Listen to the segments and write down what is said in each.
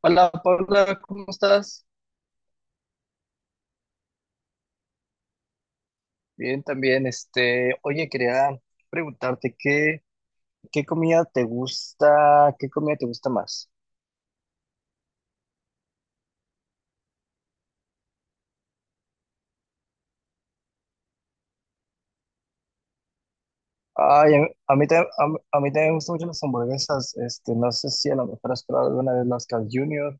Hola, Paula, ¿cómo estás? Bien, también. Oye, quería preguntarte qué comida te gusta, qué comida te gusta más. Ay, a mí, ta- a, mí, a mí también me gustan mucho las hamburguesas. No sé si a lo mejor has probado alguna vez las Carl Jr.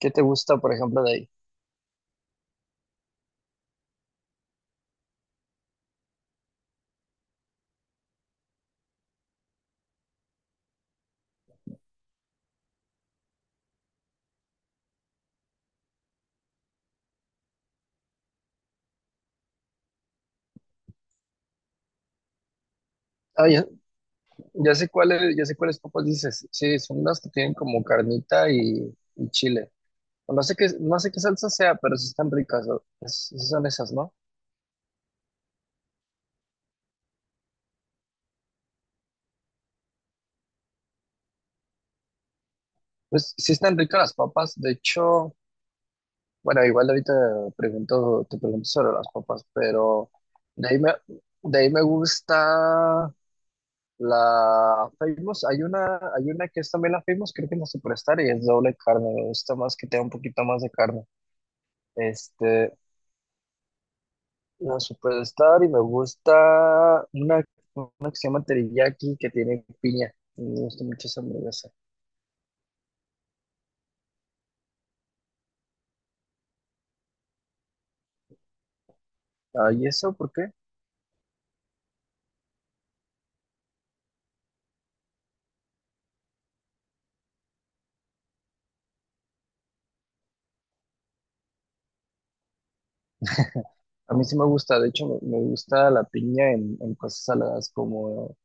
¿Qué te gusta, por ejemplo, de ahí? Ah, ya, ya sé cuáles papas dices. Sí, son las que tienen como carnita y chile. No sé qué salsa sea, pero sí están ricas, ¿no? Sí son esas, ¿no? Pues sí están ricas las papas, de hecho. Bueno, igual ahorita te pregunto sobre las papas, pero de ahí me, de ahí me gusta la Famous. Hay una que es también la Famous, creo que es la Superstar, y es doble carne. Me gusta más que tenga un poquito más de carne. Este, la Superstar, y me gusta una, una que se llama Teriyaki, que tiene piña. Me gusta mucho esa hamburguesa. Ah, ¿y eso por qué? A mí sí me gusta, de hecho, me gusta la piña en cosas saladas como...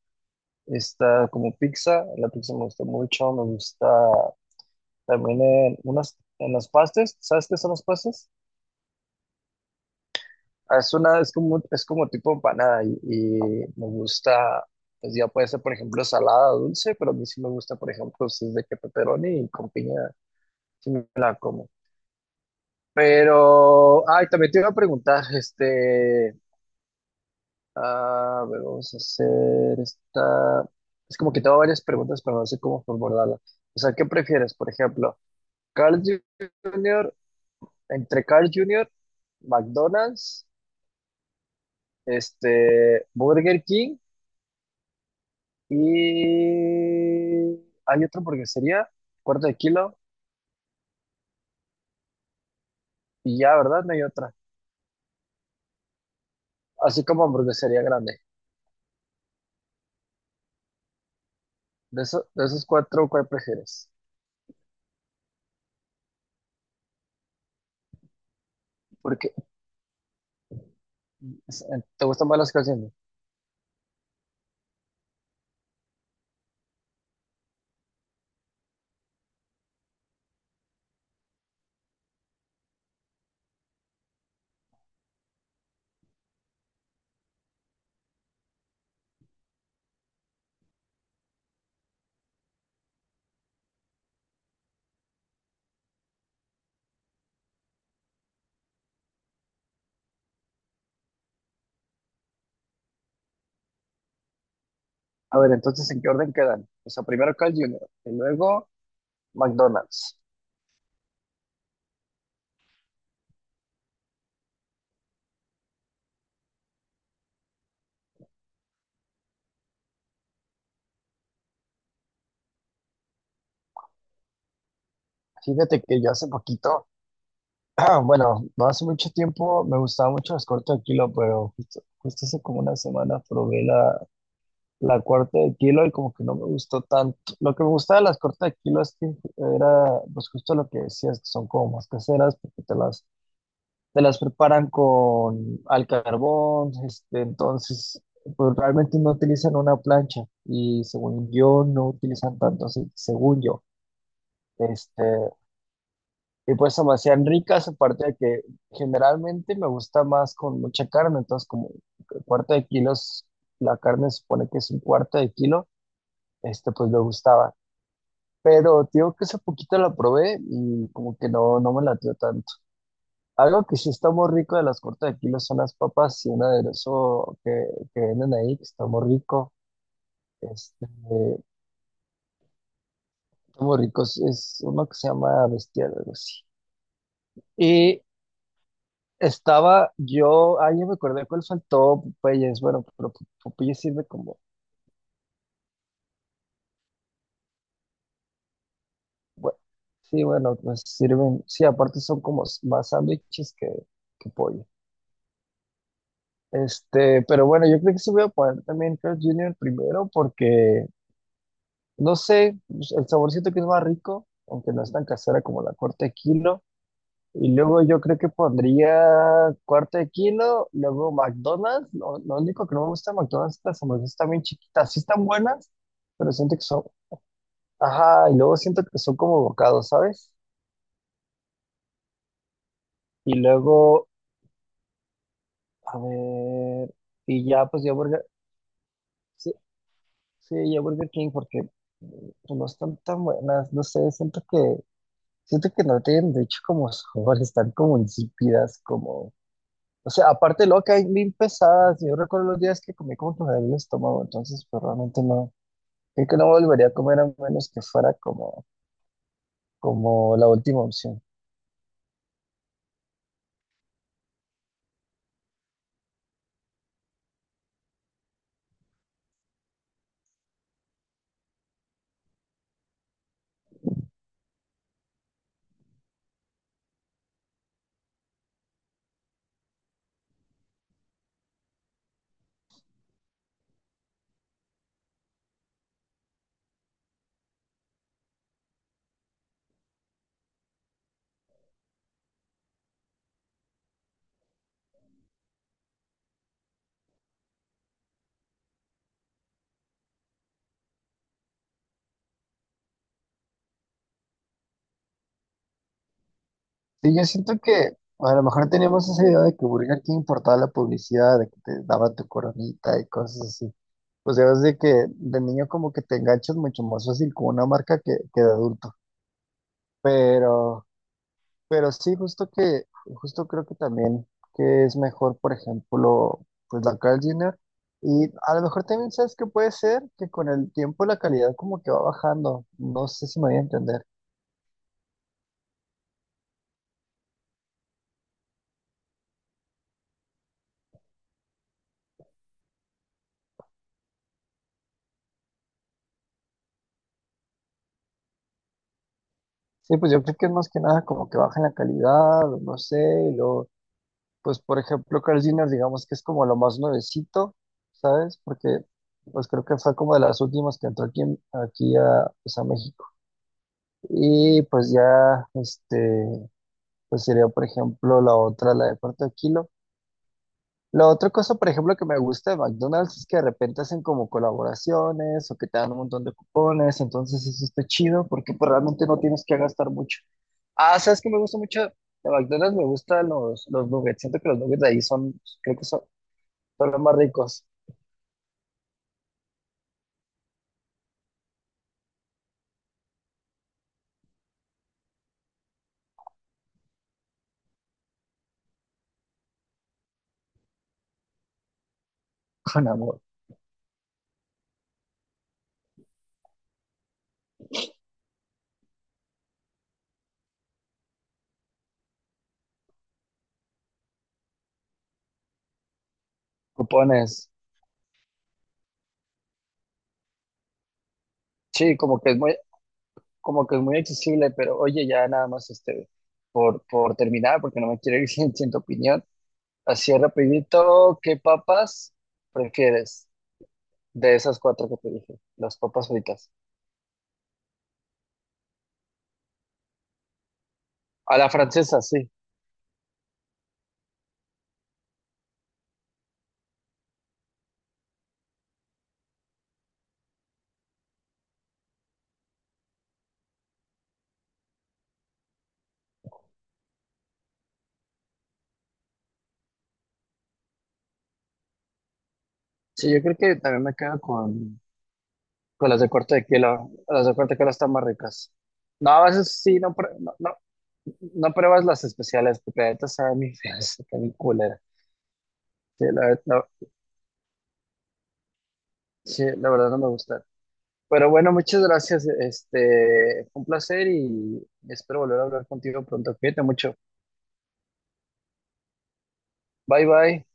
Está como pizza, la pizza me gusta mucho, me gusta también en unas, en las pastas. ¿Sabes qué son las pastas? Ah, es una, es como tipo empanada, y me gusta, pues ya puede ser, por ejemplo, salada, dulce, pero a mí sí me gusta, por ejemplo, si es de que pepperoni y con piña, sí me la como. Pero, ay, también te iba a preguntar, ah, a ver, vamos a hacer esta, es como que tengo varias preguntas, pero no sé cómo formularla. O sea, ¿qué prefieres, por ejemplo? Carl Jr., entre Carl Jr., McDonald's, Burger King y hay otra hamburguesería, cuarto de kilo, y ya, ¿verdad? No hay otra. Así como hamburguesería grande. De esos cuatro, ¿cuál prefieres? Porque es- te gustan más las Carl Jr. A ver, entonces, ¿en qué orden quedan? O sea, primero Carl Jr. y luego McDonald's. Fíjate que yo hace poquito... Ah, bueno, no hace mucho tiempo me gustaban mucho las cortes de kilo, pero justo hace como una semana probé la corte de kilo y como que no me gustó tanto. Lo que me gustaba de las cortes de kilo es que era, pues justo lo que decías, que son como más caseras, porque te las preparan con al carbón, entonces pues realmente no utilizan una plancha y, según yo, no utilizan tanto aceite, según yo. Este, y pues se me hacían ricas, aparte de que generalmente me gusta más con mucha carne, entonces, como cuarto de kilos, la carne se supone que es un cuarto de kilo, este pues me gustaba. Pero te digo que hace poquito la probé y como que no, no me latió tanto. Algo que sí está muy rico de las cuartas de kilo son las papas y un aderezo que venden ahí, que está muy rico. Este, Está muy rico, es uno que se llama bestial, algo así. Y estaba yo... ah, ya me acordé cuál faltó, Popeyes. Bueno, pero Popeyes sirve como... Bueno, sí, bueno, pues sirven, sí, aparte son como más sándwiches que pollo. Pero bueno, yo creo que sí voy a poner también Carl junior primero porque, no sé, pues, el saborcito que es más rico, aunque no es tan casera como la corte de kilo. Y luego yo creo que pondría cuarto de kilo, luego McDonald's. Lo único que no me gusta de McDonald's es que las hamburguesas están bien chiquitas. Sí están buenas, pero siento que son... Ajá, y luego siento que son como bocados, ¿sabes? Y luego, a ver, y ya pues ya Burger... Sí, sí, ya Burger King porque mm, pues, no están tan buenas, no sé, siento que... Siento que no tienen, de hecho, como sabor, están como insípidas, como... O sea, aparte de lo que hay mil pesadas, yo recuerdo los días que comí como que me el estómago, entonces pues realmente no, creo que no volvería a comer, a menos que fuera como, como la última opción. Sí, yo siento que a lo mejor teníamos esa idea de que Burger King importaba la publicidad, de que te daba tu coronita y cosas así. Pues ya ves de que de niño como que te enganchas mucho más fácil con una marca que de adulto. Pero... pero sí, justo creo que también que es mejor, por ejemplo, pues la Carl Jr. Y a lo mejor también sabes que puede ser que con el tiempo la calidad como que va bajando. No sé si me voy a entender. Sí, pues yo creo que es más que nada como que baja en la calidad, o no sé, y luego, pues, por ejemplo, Carl Jr. digamos que es como lo más nuevecito, ¿sabes? Porque pues creo que fue como de las últimas que entró aquí, aquí a, pues, a México. Y pues ya, pues sería, por ejemplo, la otra, la de cuarto de kilo. La otra cosa, por ejemplo, que me gusta de McDonald's es que de repente hacen como colaboraciones o que te dan un montón de cupones, entonces eso está chido porque, pues, realmente no tienes que gastar mucho. Ah, ¿sabes que me gusta mucho de McDonald's? Me gustan los nuggets. Siento que los nuggets de ahí son, creo que son, son los más ricos, con amor. Cupones. Sí, como que es muy accesible. Pero oye, ya nada más por terminar, porque no me quiero ir sin tu opinión. Así rapidito, ¿qué papas prefieres de esas cuatro que te dije? Las papas fritas. A la francesa, sí. Sí, yo creo que también me quedo con las de corte de kilo. Las de corte de kilo están más ricas. No, a veces sí, no, no pruebas las especiales, porque la neta saben bien feas, saben bien culeras. Sí, sí, la verdad no me gusta. Pero bueno, muchas gracias. Fue un placer y espero volver a hablar contigo pronto. Cuídate mucho. Bye, bye.